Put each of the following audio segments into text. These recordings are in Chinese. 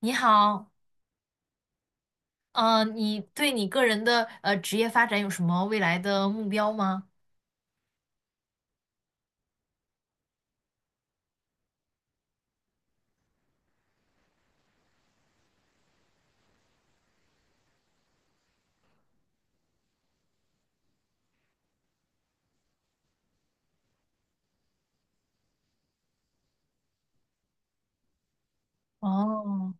你好，嗯，你对你个人的职业发展有什么未来的目标吗？哦，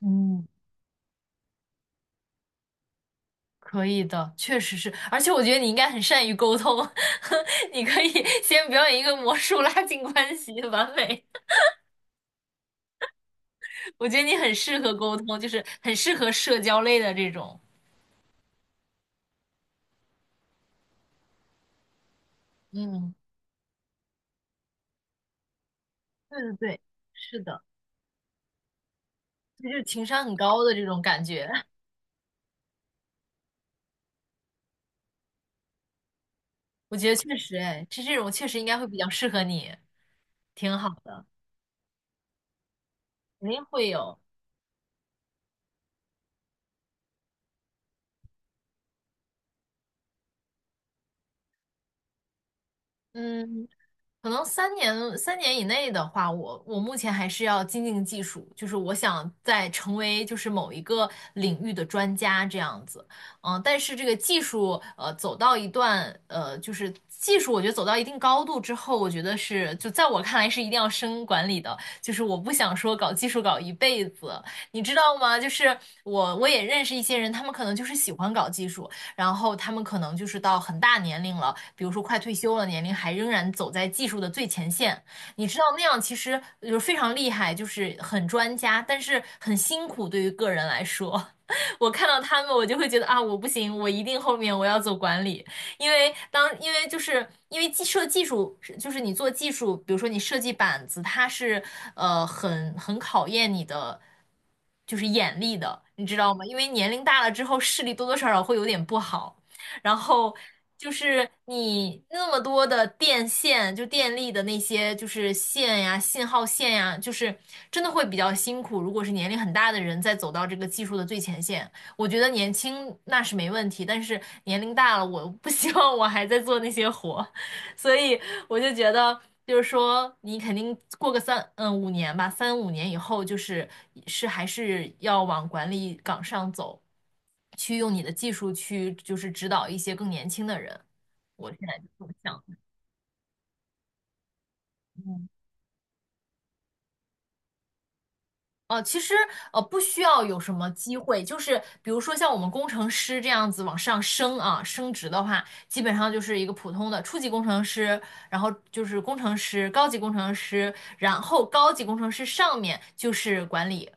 嗯，可以的，确实是，而且我觉得你应该很善于沟通，你可以 先表演一个魔术拉近关系，完美。我觉得你很适合沟通，就是很适合社交类的这种。嗯，对对对，是的，这就是情商很高的这种感觉。我觉得确实，哎，这种确实应该会比较适合你，挺好的，肯定会有。嗯，可能三年以内的话，我目前还是要精进技术，就是我想在成为就是某一个领域的专家这样子，嗯，但是这个技术走到一段就是技术，我觉得走到一定高度之后，我觉得是就在我看来是一定要升管理的，就是我不想说搞技术搞一辈子，你知道吗？就是我也认识一些人，他们可能就是喜欢搞技术，然后他们可能就是到很大年龄了，比如说快退休了年龄，还仍然走在技术的最前线。你知道那样其实就是非常厉害，就是很专家，但是很辛苦对于个人来说。我看到他们，我就会觉得啊，我不行，我一定后面我要走管理。因为当因为就是因为技术是就是你做技术，比如说你设计板子，它是很考验你的就是眼力的，你知道吗？因为年龄大了之后，视力多多少少会有点不好，然后，就是你那么多的电线，就电力的那些，就是线呀、信号线呀，就是真的会比较辛苦。如果是年龄很大的人在走到这个技术的最前线，我觉得年轻那是没问题，但是年龄大了，我不希望我还在做那些活，所以我就觉得，就是说你肯定过个三五年吧，三五年以后，就是是还是要往管理岗上走，去用你的技术去就是指导一些更年轻的人。我现在就这么想，嗯。哦，其实不需要有什么机会，就是比如说像我们工程师这样子往上升啊，升职的话，基本上就是一个普通的初级工程师，然后就是工程师、高级工程师，然后高级工程师上面就是管理，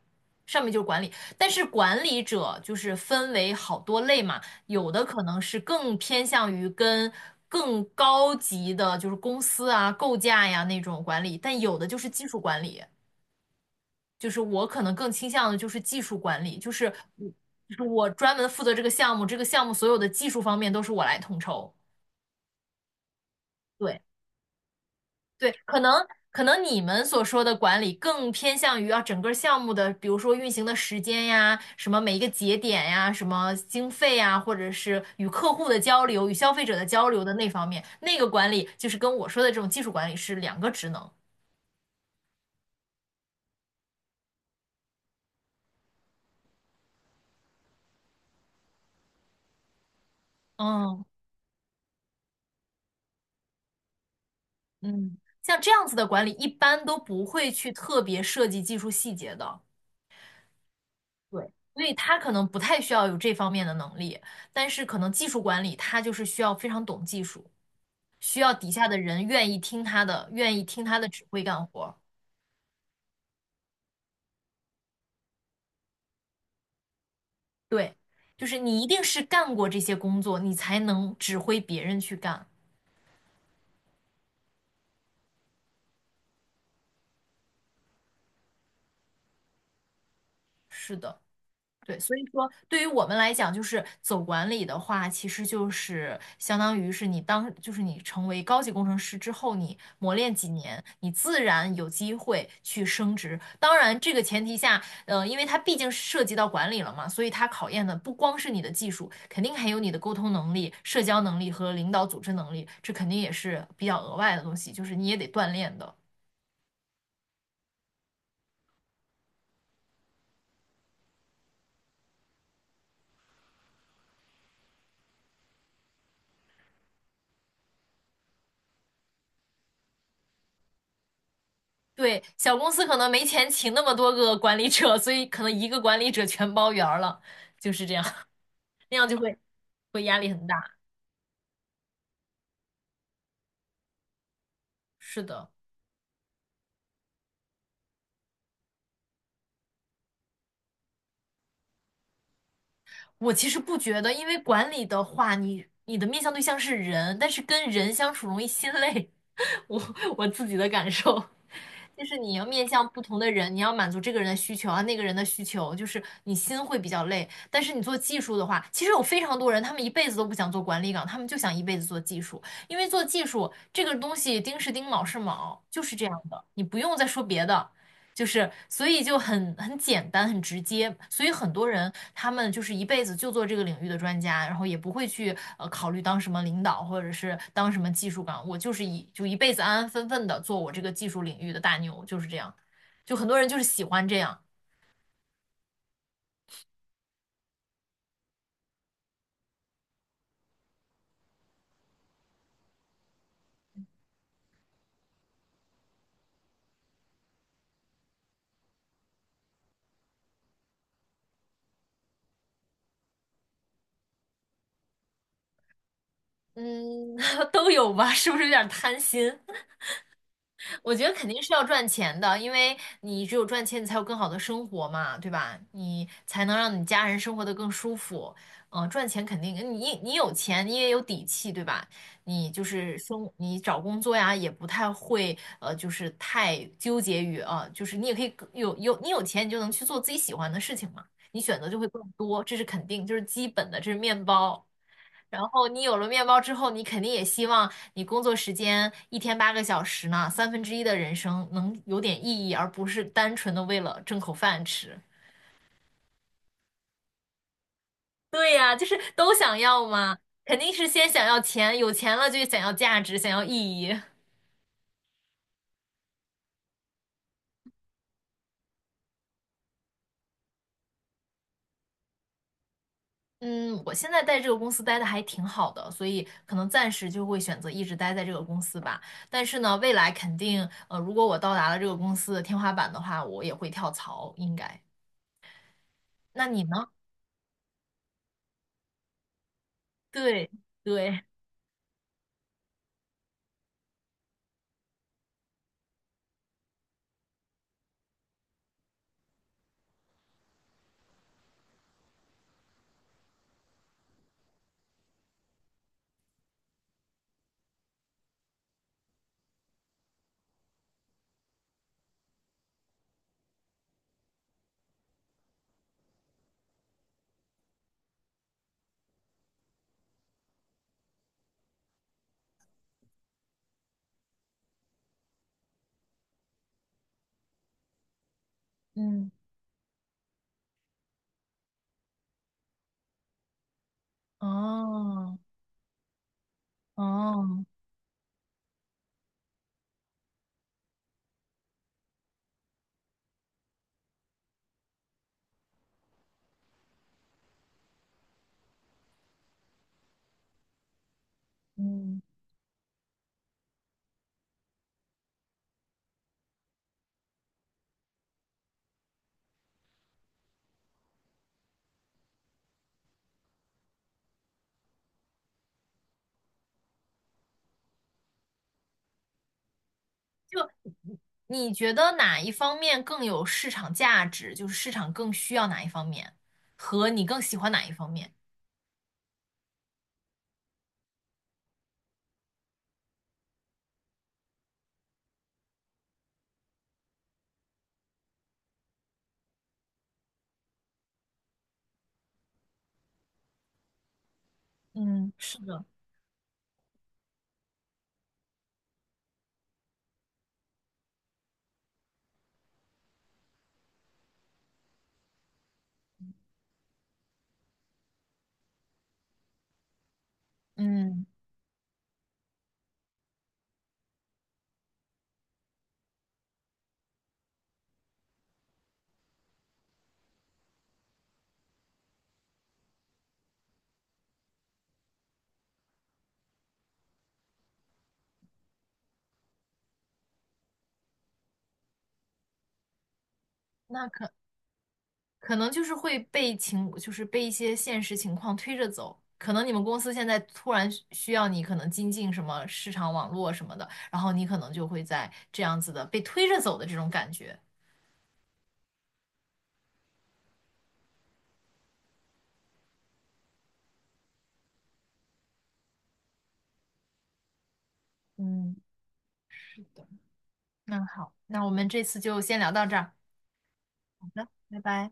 上面就是管理。但是管理者就是分为好多类嘛，有的可能是更偏向于跟更高级的就是公司啊、构架呀那种管理，但有的就是技术管理。就是我可能更倾向的就是技术管理，就是我我专门负责这个项目，这个项目所有的技术方面都是我来统筹。对对，可能你们所说的管理更偏向于啊整个项目的，比如说运行的时间呀，什么每一个节点呀，什么经费呀，或者是与客户的交流、与消费者的交流的那方面，那个管理就是跟我说的这种技术管理是两个职能。嗯嗯，像这样子的管理一般都不会去特别涉及技术细节的。对，所以他可能不太需要有这方面的能力，但是可能技术管理他就是需要非常懂技术，需要底下的人愿意听他的，愿意听他的指挥干活儿对，就是你一定是干过这些工作，你才能指挥别人去干。是的。对，所以说对于我们来讲，就是走管理的话，其实就是相当于是你当，就是你成为高级工程师之后，你磨练几年，你自然有机会去升职。当然，这个前提下，因为它毕竟涉及到管理了嘛，所以它考验的不光是你的技术，肯定还有你的沟通能力、社交能力和领导组织能力，这肯定也是比较额外的东西，就是你也得锻炼的。对，小公司可能没钱请那么多个管理者，所以可能一个管理者全包圆儿了，就是这样，那样就会压力很大。是的。我其实不觉得，因为管理的话，你的面向对象是人，但是跟人相处容易心累，我我自己的感受。就是你要面向不同的人，你要满足这个人的需求啊，那个人的需求，就是你心会比较累。但是你做技术的话，其实有非常多人，他们一辈子都不想做管理岗，他们就想一辈子做技术，因为做技术这个东西丁是丁，卯是卯，就是这样的，你不用再说别的。就是，所以就很简单，很直接。所以很多人他们就是一辈子就做这个领域的专家，然后也不会去考虑当什么领导或者是当什么技术岗。我就是一辈子安安分分的做我这个技术领域的大牛，就是这样。就很多人就是喜欢这样，嗯，都有吧？是不是有点贪心？我觉得肯定是要赚钱的，因为你只有赚钱，你才有更好的生活嘛，对吧？你才能让你家人生活得更舒服。嗯，赚钱肯定，你有钱，你也有底气，对吧？你就是生，你找工作呀，也不太会，就是太纠结于啊、就是你也可以更有你有钱，你就能去做自己喜欢的事情嘛，你选择就会更多，这是肯定，就是基本的，这是面包。然后你有了面包之后，你肯定也希望你工作时间一天八个小时呢，三分之一的人生能有点意义，而不是单纯的为了挣口饭吃。对呀，就是都想要嘛，肯定是先想要钱，有钱了就想要价值，想要意义。嗯，我现在在这个公司待的还挺好的，所以可能暂时就会选择一直待在这个公司吧。但是呢，未来肯定，如果我到达了这个公司的天花板的话，我也会跳槽，应该。那你呢？对对。嗯，哦，哦，嗯，就你觉得哪一方面更有市场价值？就是市场更需要哪一方面，和你更喜欢哪一方面？嗯，是的，嗯，那可能就是会被情，就是被一些现实情况推着走。可能你们公司现在突然需要你，可能精进什么市场网络什么的，然后你可能就会在这样子的被推着走的这种感觉。嗯，是的，那好，那我们这次就先聊到这儿。的，拜拜。